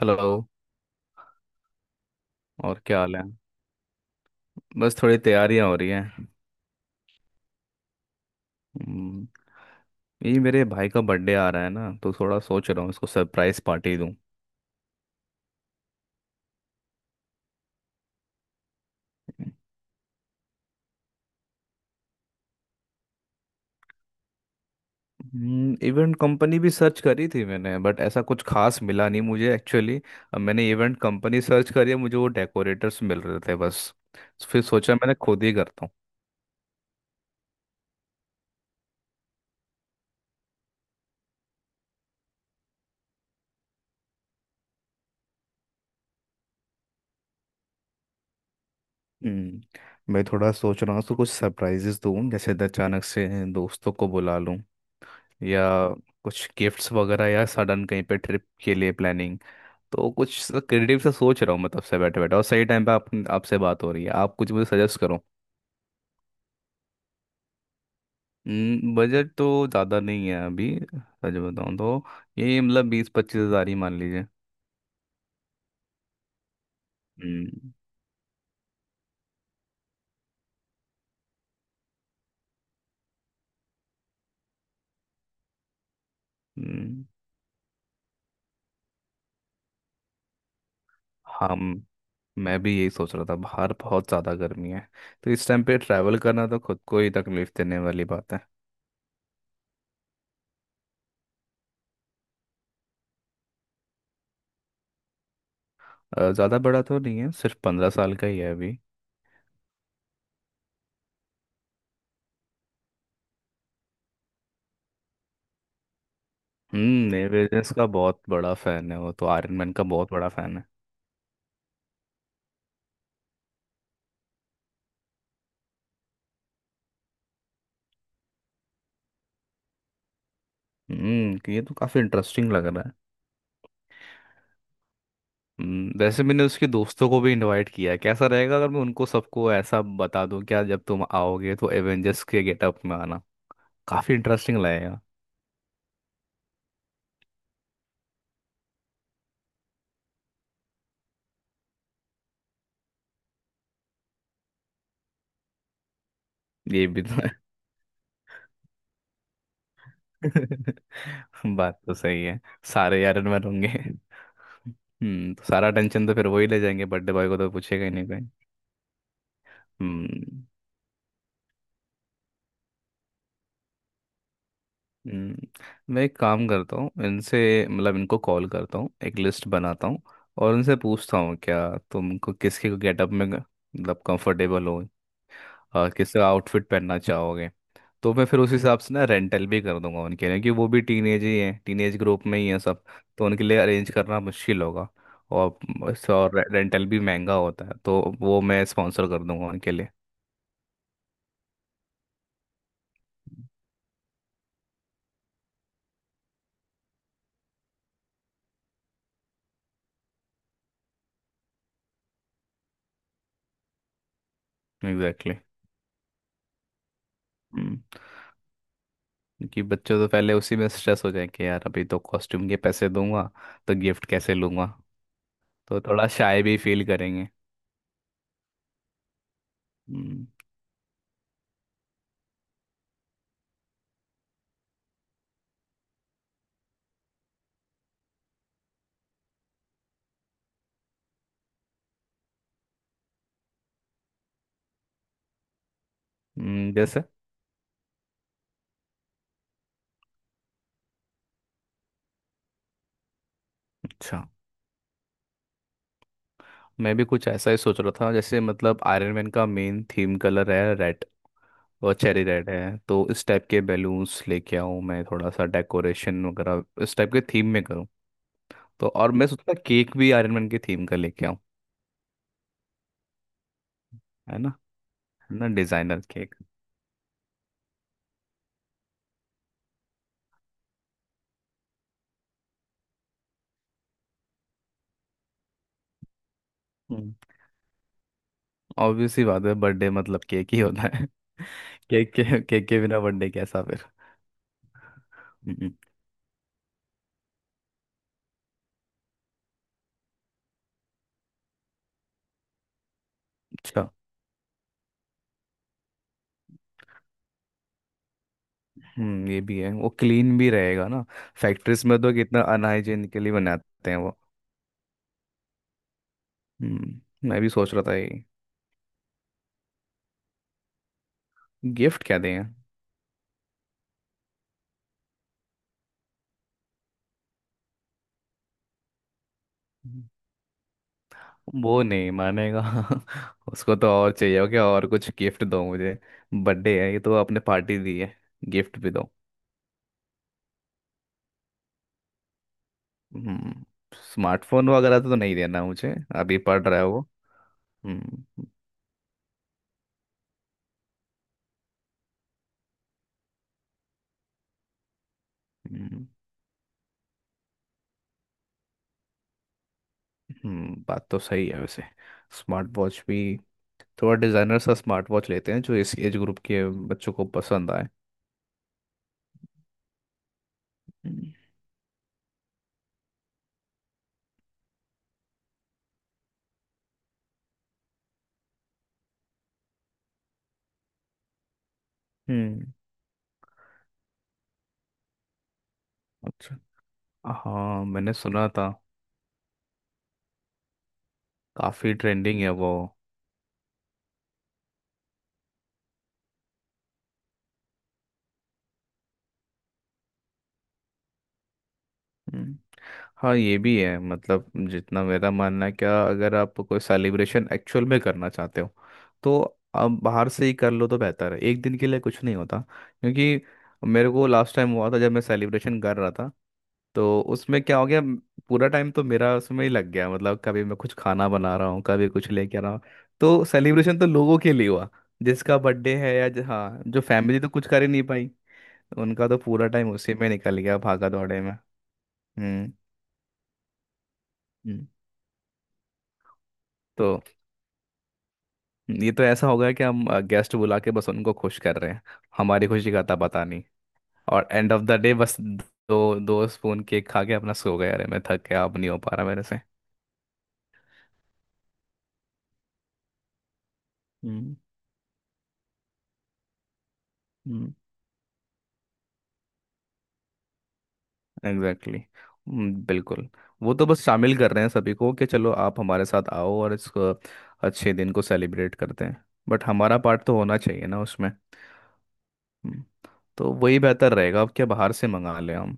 Hello. और क्या हाल है? बस थोड़ी तैयारियां हो रही हैं। हम्म, ये मेरे भाई का बर्थडे आ रहा है ना तो थोड़ा सोच रहा हूँ इसको सरप्राइज पार्टी दूँ। इवेंट कंपनी भी सर्च करी थी मैंने बट ऐसा कुछ खास मिला नहीं मुझे एक्चुअली। अब मैंने इवेंट कंपनी सर्च करी है, मुझे वो डेकोरेटर्स मिल रहे थे बस। तो फिर सोचा मैंने खुद ही करता हूँ। हम्म, मैं थोड़ा सोच रहा हूँ तो कुछ सरप्राइजेस दूँ, जैसे अचानक से दोस्तों को बुला लूँ। या कुछ गिफ्ट्स वगैरह, या सडन कहीं पे ट्रिप के लिए प्लानिंग। तो कुछ क्रिएटिव सा सोच रहा हूँ मैं तब से बैठे बैठे। और सही टाइम पे आप आपसे बात हो रही है, आप कुछ मुझे सजेस्ट करो। बजट तो ज़्यादा नहीं है अभी, सच बताऊँ तो। ये मतलब 20-25 हज़ार ही मान लीजिए। हम्म। हम्म। हम मैं भी यही सोच रहा था, बाहर बहुत ज़्यादा गर्मी है। तो इस टाइम पे ट्रैवल करना तो खुद को ही तकलीफ देने वाली बात है। ज़्यादा बड़ा तो नहीं है, सिर्फ 15 साल का ही है अभी। एवेजेस का बहुत बड़ा फ़ैन है वो, तो आयरन मैन का बहुत बड़ा फ़ैन है। कि ये तो काफ़ी इंटरेस्टिंग लग रहा है। वैसे मैंने उसके दोस्तों को भी इनवाइट किया है, कैसा रहेगा अगर मैं उनको सबको ऐसा बता दूं, क्या जब तुम आओगे तो एवेंजर्स के गेटअप में आना। काफी इंटरेस्टिंग लगेगा। ये भी तो है। बात तो सही है। सारे आयरन मैन होंगे। तो सारा टेंशन तो फिर वही ले जाएंगे, बर्थडे बॉय को तो पूछेगा ही नहीं कोई। हम्म। हम्म, मैं एक काम करता हूँ इनसे, मतलब इनको कॉल करता हूँ, एक लिस्ट बनाता हूँ। और उनसे पूछता हूँ क्या तुमको किसके गेटअप में मतलब कंफर्टेबल हो, और किस आउटफिट पहनना चाहोगे। तो मैं फिर उस हिसाब से ना रेंटल भी कर दूंगा उनके लिए, क्योंकि वो भी टीनेज ही हैं, टीनेज ग्रुप में ही हैं सब। तो उनके लिए अरेंज करना मुश्किल होगा। और बस, और रेंटल भी महंगा होता है तो वो मैं स्पॉन्सर कर दूंगा उनके लिए। एग्जैक्टली। हम्म क्योंकि बच्चे तो पहले उसी में स्ट्रेस हो जाए कि यार अभी तो कॉस्ट्यूम के पैसे दूंगा तो गिफ्ट कैसे लूंगा। तो थोड़ा शाय भी फील करेंगे। हम्म। जैसे, अच्छा, मैं भी कुछ ऐसा ही सोच रहा था, जैसे मतलब आयरन मैन का मेन थीम कलर है रेड। और चेरी रेड है तो इस टाइप के बैलून्स लेके आऊँ मैं, थोड़ा सा डेकोरेशन वगैरह इस टाइप के थीम में करूँ। तो और मैं सोचता केक भी आयरन मैन के थीम का लेके आऊँ। है ना? है ना डिजाइनर केक? ऑब्वियस ही बात है, बर्थडे मतलब केक ही होना है। केक के बिना बर्थडे कैसा फिर? हम्म, अच्छा। ये भी है, वो क्लीन भी रहेगा ना? फैक्ट्रीज में तो कितना अनहाइजीनिकली बनाते हैं वो। मैं भी सोच रहा था ये। गिफ्ट क्या दें? वो नहीं मानेगा। उसको तो और चाहिए होगा कि और कुछ गिफ्ट दो मुझे, बर्थडे है ये, तो आपने पार्टी दी है, गिफ्ट भी दो। हम्म, स्मार्टफोन वगैरह तो नहीं देना मुझे, अभी पढ़ रहा है वो। हम्म। हम्म, बात तो सही है वैसे। स्मार्ट वॉच भी, थोड़ा डिजाइनर सा स्मार्ट वॉच लेते हैं जो इस एज ग्रुप के बच्चों को पसंद आए। हम्म। हम्म, अच्छा। हाँ, मैंने सुना था, काफी ट्रेंडिंग है वो। हम्म, हाँ ये भी है, मतलब जितना मेरा मानना है क्या, अगर आप कोई सेलिब्रेशन एक्चुअल में करना चाहते हो तो आप बाहर से ही कर लो तो बेहतर है, एक दिन के लिए कुछ नहीं होता, क्योंकि मेरे को लास्ट टाइम हुआ था जब मैं सेलिब्रेशन कर रहा था। तो उसमें क्या हो गया, पूरा टाइम तो मेरा उसमें ही लग गया, मतलब कभी मैं कुछ खाना बना रहा हूँ, कभी कुछ लेके आ रहा हूँ। तो सेलिब्रेशन तो लोगों के लिए हुआ, जिसका बर्थडे है या हाँ, जो फैमिली तो कुछ कर ही नहीं पाई। उनका तो पूरा टाइम उसी में निकल गया, भागा दौड़े में। हम्म तो ये तो ऐसा होगा कि हम गेस्ट बुला के बस उनको खुश कर रहे हैं, हमारी खुशी का था पता नहीं। और एंड ऑफ द डे बस दो दो स्पून केक खा के अपना सो गए, अरे मैं थक गया अब नहीं हो पा रहा मेरे से। हम्म। हम्म। एग्जैक्टली। बिल्कुल। वो तो बस शामिल कर रहे हैं सभी को कि चलो आप हमारे साथ आओ, और इसको अच्छे दिन को सेलिब्रेट करते हैं, बट हमारा पार्ट तो होना चाहिए ना उसमें। हम्म, तो वही बेहतर रहेगा, अब क्या बाहर से मंगा लें हम?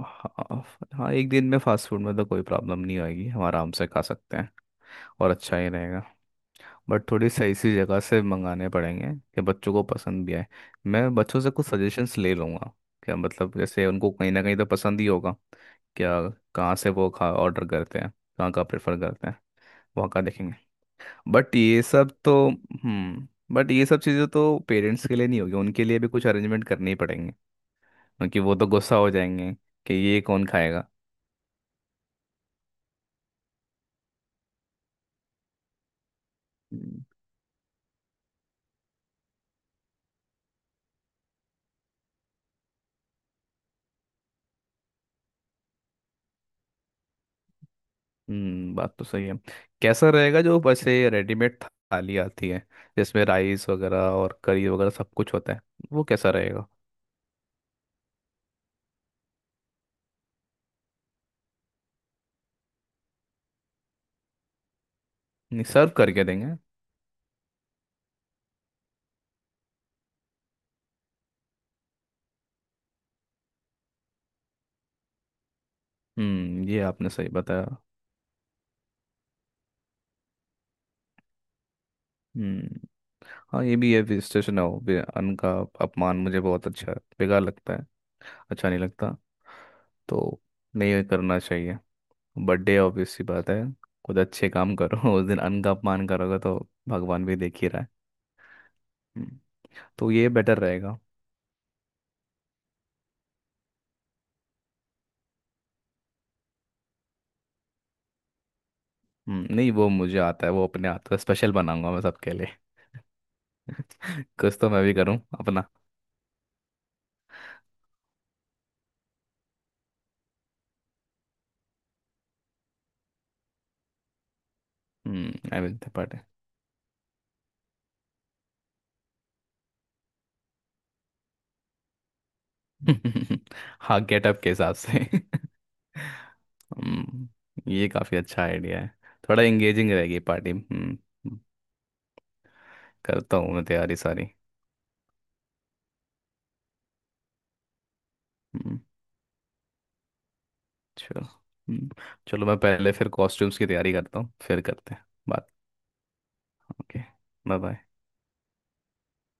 हाँ। हाँ, एक दिन में फास्ट फूड में तो कोई प्रॉब्लम नहीं आएगी, हम आराम से खा सकते हैं। और अच्छा ही रहेगा, बट थोड़ी सही सी जगह से मंगाने पड़ेंगे कि बच्चों को पसंद भी आए। मैं बच्चों से कुछ सजेशंस ले लूँगा, क्या मतलब जैसे उनको कहीं ना कहीं तो पसंद ही होगा। क्या कहाँ से वो खा ऑर्डर करते हैं, कहाँ का प्रेफर करते हैं, वहाँ का देखेंगे। बट ये सब तो बट ये सब चीज़ें तो पेरेंट्स के लिए नहीं होगी, उनके लिए भी कुछ अरेंजमेंट करने ही पड़ेंगे, क्योंकि वो तो गुस्सा हो जाएंगे कि ये कौन खाएगा। बात तो सही है। कैसा रहेगा, जो वैसे रेडीमेड थाली आती है, जिसमें राइस वगैरह और करी वगैरह सब कुछ होता है, वो कैसा रहेगा? नहीं, सर्व करके देंगे। ये आपने सही बताया। हम्म हाँ ये भी है, विस्टेशन हो, अन्न का अपमान मुझे बहुत बेकार लगता है, अच्छा नहीं लगता, तो नहीं करना चाहिए। बर्थडे, ऑब्वियस सी बात है, खुद अच्छे काम करो। उस दिन अन्न का अपमान करोगे तो भगवान भी देख ही रहा है। हम्म, तो ये बेटर रहेगा। नहीं वो मुझे आता है, वो अपने आता है, स्पेशल बनाऊंगा मैं सबके लिए। कुछ तो मैं भी करूँ अपना। आई विल पार्टी। हाँ, गेटअप के हिसाब से। हम्म, ये काफ़ी अच्छा आइडिया है। थोड़ा एंगेजिंग रहेगी पार्टी। हम्म। करता हूँ मैं तैयारी सारी। हम्म, चलो। हम्म, चलो मैं पहले फिर कॉस्ट्यूम्स की तैयारी करता हूँ, फिर करते हैं बात। ओके। Bye bye.